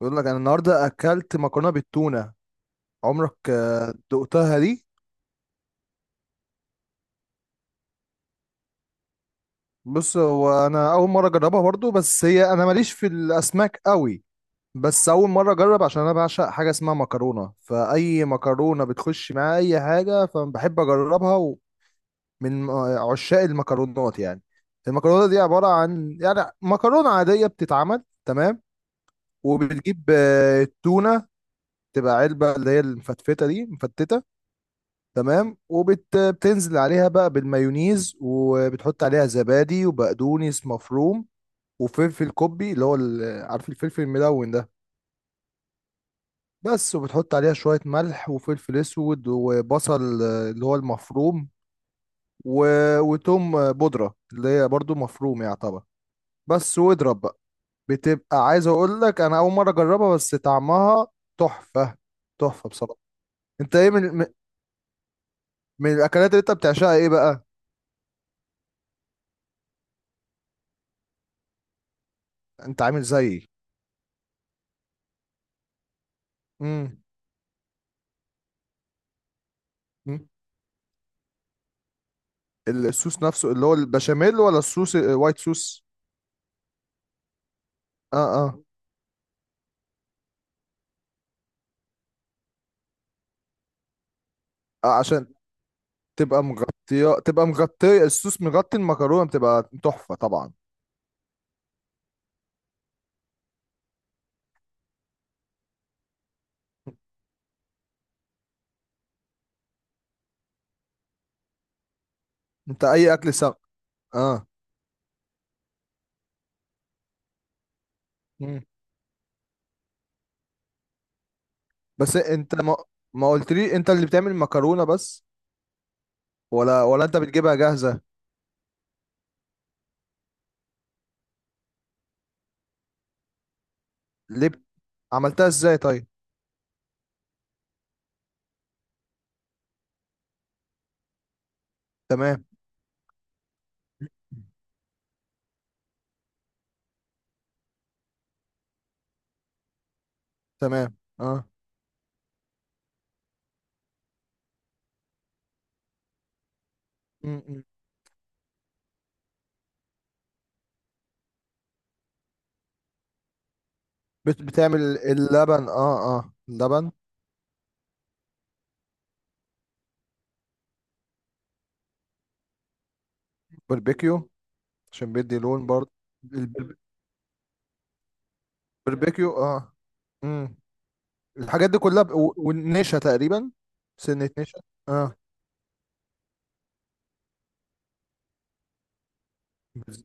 بيقول لك انا النهارده اكلت مكرونه بالتونه. عمرك دقتها دي؟ بص، هو انا اول مره اجربها برضو، بس هي انا ماليش في الاسماك قوي. بس اول مره اجرب عشان انا بعشق حاجه اسمها مكرونه، فاي مكرونه بتخش معايا اي حاجه فبحب اجربها. ومن عشاق المكرونات يعني. المكرونه دي عباره عن يعني مكرونه عاديه بتتعمل، تمام، وبتجيب التونه، تبقى علبه اللي هي المفتفته دي، مفتته، تمام. وبتنزل عليها بقى بالمايونيز، وبتحط عليها زبادي وبقدونس مفروم وفلفل كوبي، اللي هو عارف الفلفل الملون ده؟ بس، وبتحط عليها شوية ملح وفلفل اسود وبصل اللي هو المفروم، وتوم بودرة، اللي هي برضو مفروم يعتبر. بس، واضرب بقى. بتبقى عايز اقول لك انا اول مرة اجربها، بس طعمها تحفة. تحفة بصراحة. انت ايه، من من الاكلات اللي انت بتعشقها ايه بقى؟ انت عامل زيي؟ امم. امم. الصوص نفسه اللي هو البشاميل، ولا الصوص الوايت صوص؟ اه، اه. عشان تبقى مغطية الصوص مغطي المكرونة بتبقى تحفة طبعا. انت اي اكل سم. اه. مم. بس انت ما، ما قلتلي انت اللي بتعمل المكرونة بس، ولا انت بتجيبها جاهزة؟ ليه عملتها ازاي طيب؟ تمام، تمام، اه. مم، مم. بتعمل اللبن، اه اه، اللبن. باربيكيو، عشان بيدي لون برضه. البربيكيو، اه. الحاجات دي كلها والنشا تقريبا. سنة نشا، اه. بز-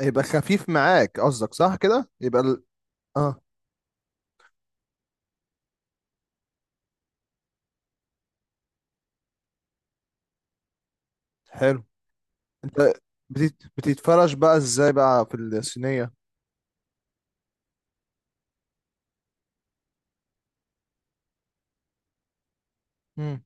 يبقى خفيف معاك، قصدك صح كده، يبقى اه. حلو. انت بتتفرش بقى ازاي بقى في الصينية؟ مم.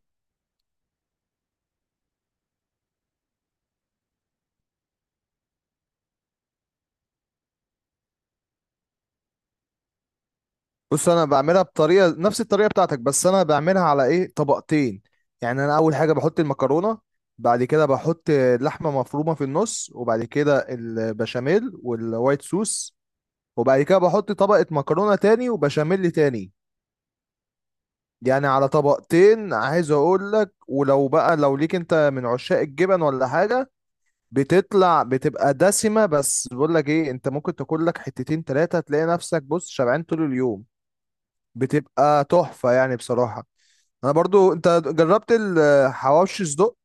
بص، انا بعملها بطريقة نفس الطريقة بتاعتك، بس انا بعملها على ايه، طبقتين. يعني انا اول حاجة بحط المكرونة، بعد كده بحط لحمة مفرومة في النص، وبعد كده البشاميل والوايت سوس، وبعد كده بحط طبقة مكرونة تاني وبشاميل تاني. يعني على طبقتين عايز اقول لك، ولو بقى لو ليك انت من عشاق الجبن ولا حاجه، بتطلع بتبقى دسمه. بس بقول لك ايه، انت ممكن تاكل لك حتتين تلاتة تلاقي نفسك، بص، شبعان طول اليوم. بتبقى تحفه يعني بصراحه. انا برضو، انت جربت الحواوشي صدق؟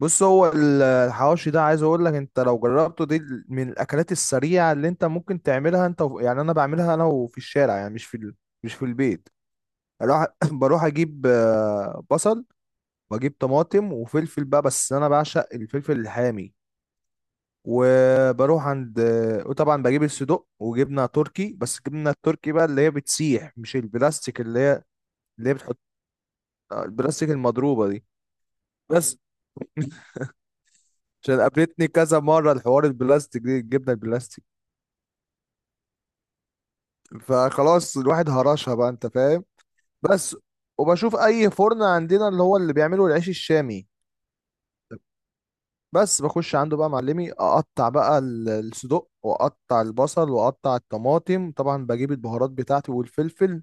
بص، هو الحواوشي ده عايز اقول لك انت لو جربته دي، من الاكلات السريعه اللي انت ممكن تعملها، انت يعني انا بعملها انا، وفي الشارع يعني، مش في مش في البيت. اروح بروح اجيب بصل. بجيب طماطم وفلفل بقى، بس انا بعشق الفلفل الحامي. وبروح عند، وطبعا بجيب الصدوق وجبنه تركي، بس الجبنه التركي بقى اللي هي بتسيح، مش البلاستيك اللي هي، اللي هي بتحط البلاستيك المضروبه دي. بس عشان قابلتني كذا مره الحوار البلاستيك دي، الجبنه البلاستيك. فخلاص الواحد هرشها بقى، انت فاهم. بس، وبشوف اي فرن عندنا، اللي هو اللي بيعملوا العيش الشامي. بس بخش عنده بقى معلمي، اقطع بقى الصدق، واقطع البصل، واقطع الطماطم، طبعا بجيب البهارات بتاعتي والفلفل،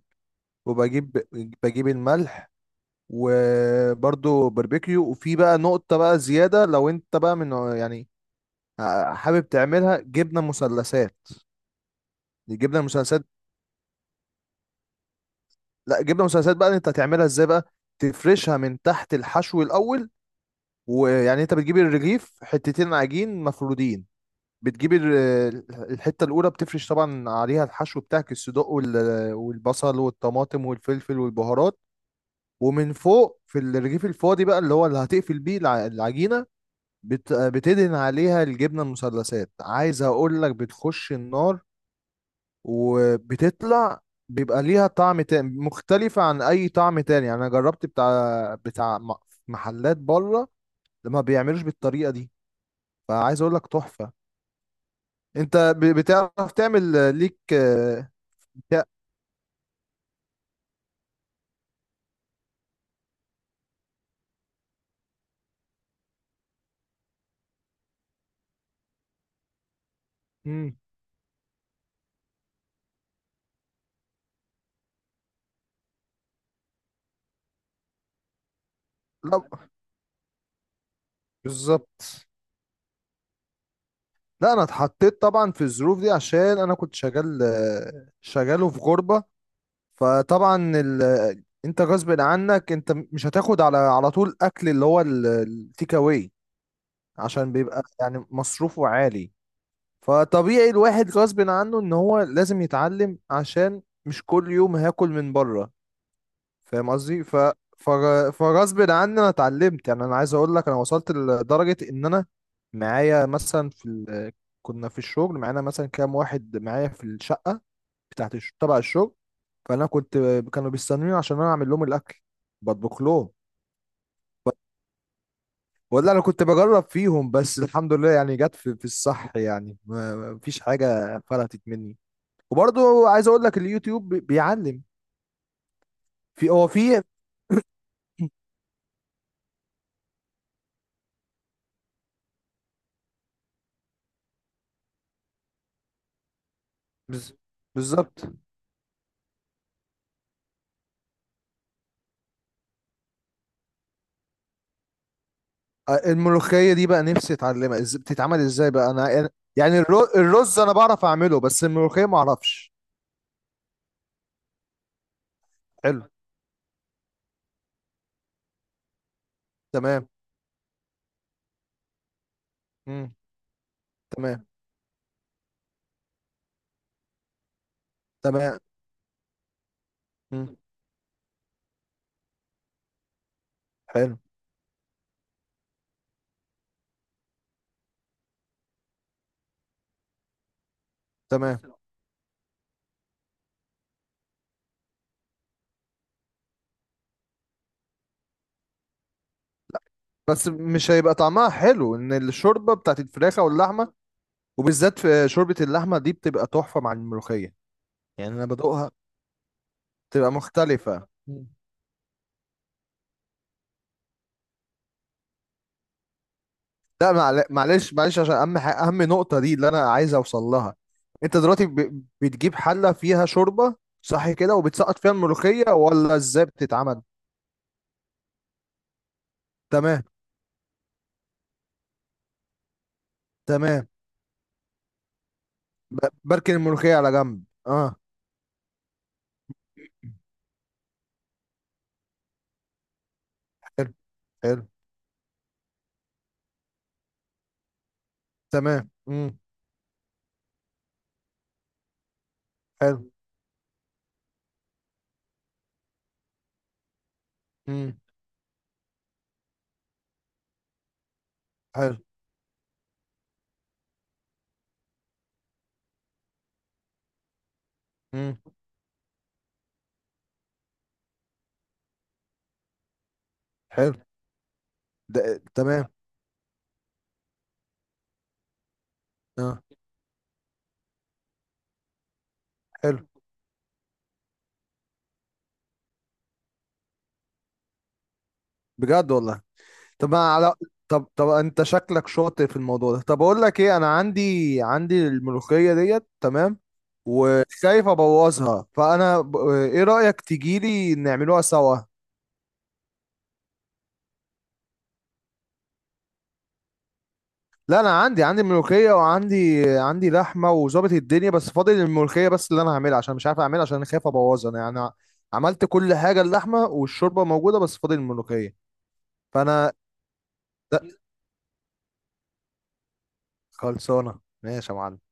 وبجيب بجيب الملح، وبرده باربيكيو، وفي بقى نقطة بقى زيادة لو انت بقى من، يعني حابب تعملها جبنة مثلثات. الجبنة المثلثات. لا، جبنة مثلثات بقى انت هتعملها ازاي بقى؟ تفرشها من تحت الحشو الاول. ويعني انت بتجيب الرغيف حتتين عجين مفرودين، بتجيب الحتة الأولى بتفرش طبعا عليها الحشو بتاعك، الصدوق والبصل والطماطم والفلفل والبهارات. ومن فوق في الرغيف الفاضي بقى، اللي هو اللي هتقفل بيه العجينة، بتدهن عليها الجبنة المثلثات، عايز أقول لك بتخش النار وبتطلع. بيبقى ليها طعم تاني، مختلفة عن أي طعم تاني، يعني أنا جربت بتاع محلات بره لما بيعملوش بالطريقة دي. فعايز أقول لك تحفة. أنت بتعرف تعمل ليك يا- امم. لا، بالظبط. لا، انا اتحطيت طبعا في الظروف دي عشان انا كنت شغال، شغال وفي غربة. فطبعا انت غصب عنك، انت مش هتاخد على طول اكل، اللي هو التيك اواي، عشان بيبقى يعني مصروفه عالي. فطبيعي الواحد غصب عنه ان هو لازم يتعلم، عشان مش كل يوم هاكل من بره، فاهم قصدي. ف، فغصب عني انا اتعلمت، يعني انا عايز اقول لك انا وصلت لدرجه ان انا معايا مثلا في كنا في الشغل معانا مثلا كام واحد معايا في الشقه بتاعت تبع الشغل. فانا كنت، كانوا بيستنوني عشان انا اعمل لهم الاكل، بطبخ لهم، ولا انا كنت بجرب فيهم، بس الحمد لله يعني جت في، في الصح يعني، ما فيش حاجه فلتت مني. وبرضو عايز اقول لك اليوتيوب بيعلم. في هو في. بز- بالظبط. الملوخية دي بقى نفسي اتعلمها، بتتعمل ازاي بقى انا يعني الرز انا بعرف اعمله، بس الملوخية ما اعرفش. حلو. تمام. مم. تمام، تمام. مم. حلو. تمام. بس مش هيبقى طعمها حلو، ان الشوربة بتاعت الفراخ او اللحمة. وبالذات في شوربة اللحمة دي، بتبقى تحفة مع الملوخية، يعني انا بدوقها. بتبقى مختلفة. لا، معلش، معلش عشان اهم اهم نقطة دي اللي انا عايز اوصل لها. انت دلوقتي بتجيب حلة فيها شوربة صح كده، وبتسقط فيها الملوخية، ولا ازاي بتتعمل؟ تمام، تمام، بركن الملوخية على جنب، اه. حلو. حلو، تمام، امم. حلو، امم. حلو، امم. حلو. ده تمام، اه. حلو، بجد والله. طب انا على، طب طب انت شكلك شاطر في الموضوع ده، طب اقول لك ايه، انا عندي الملوخيه ديت، تمام، وخايف ابوظها. فانا ايه رايك تجيلي نعملوها سوا؟ لا، انا عندي ملوخيه، وعندي لحمه، وظابط الدنيا، بس فاضل الملوخيه بس اللي انا هعملها، عشان مش عارف اعملها، عشان انا خايف ابوظها انا يعني. عملت كل حاجه، اللحمه والشوربه موجوده، بس فاضل الملوخيه. فانا ده خلصانه، ماشي يا معلم.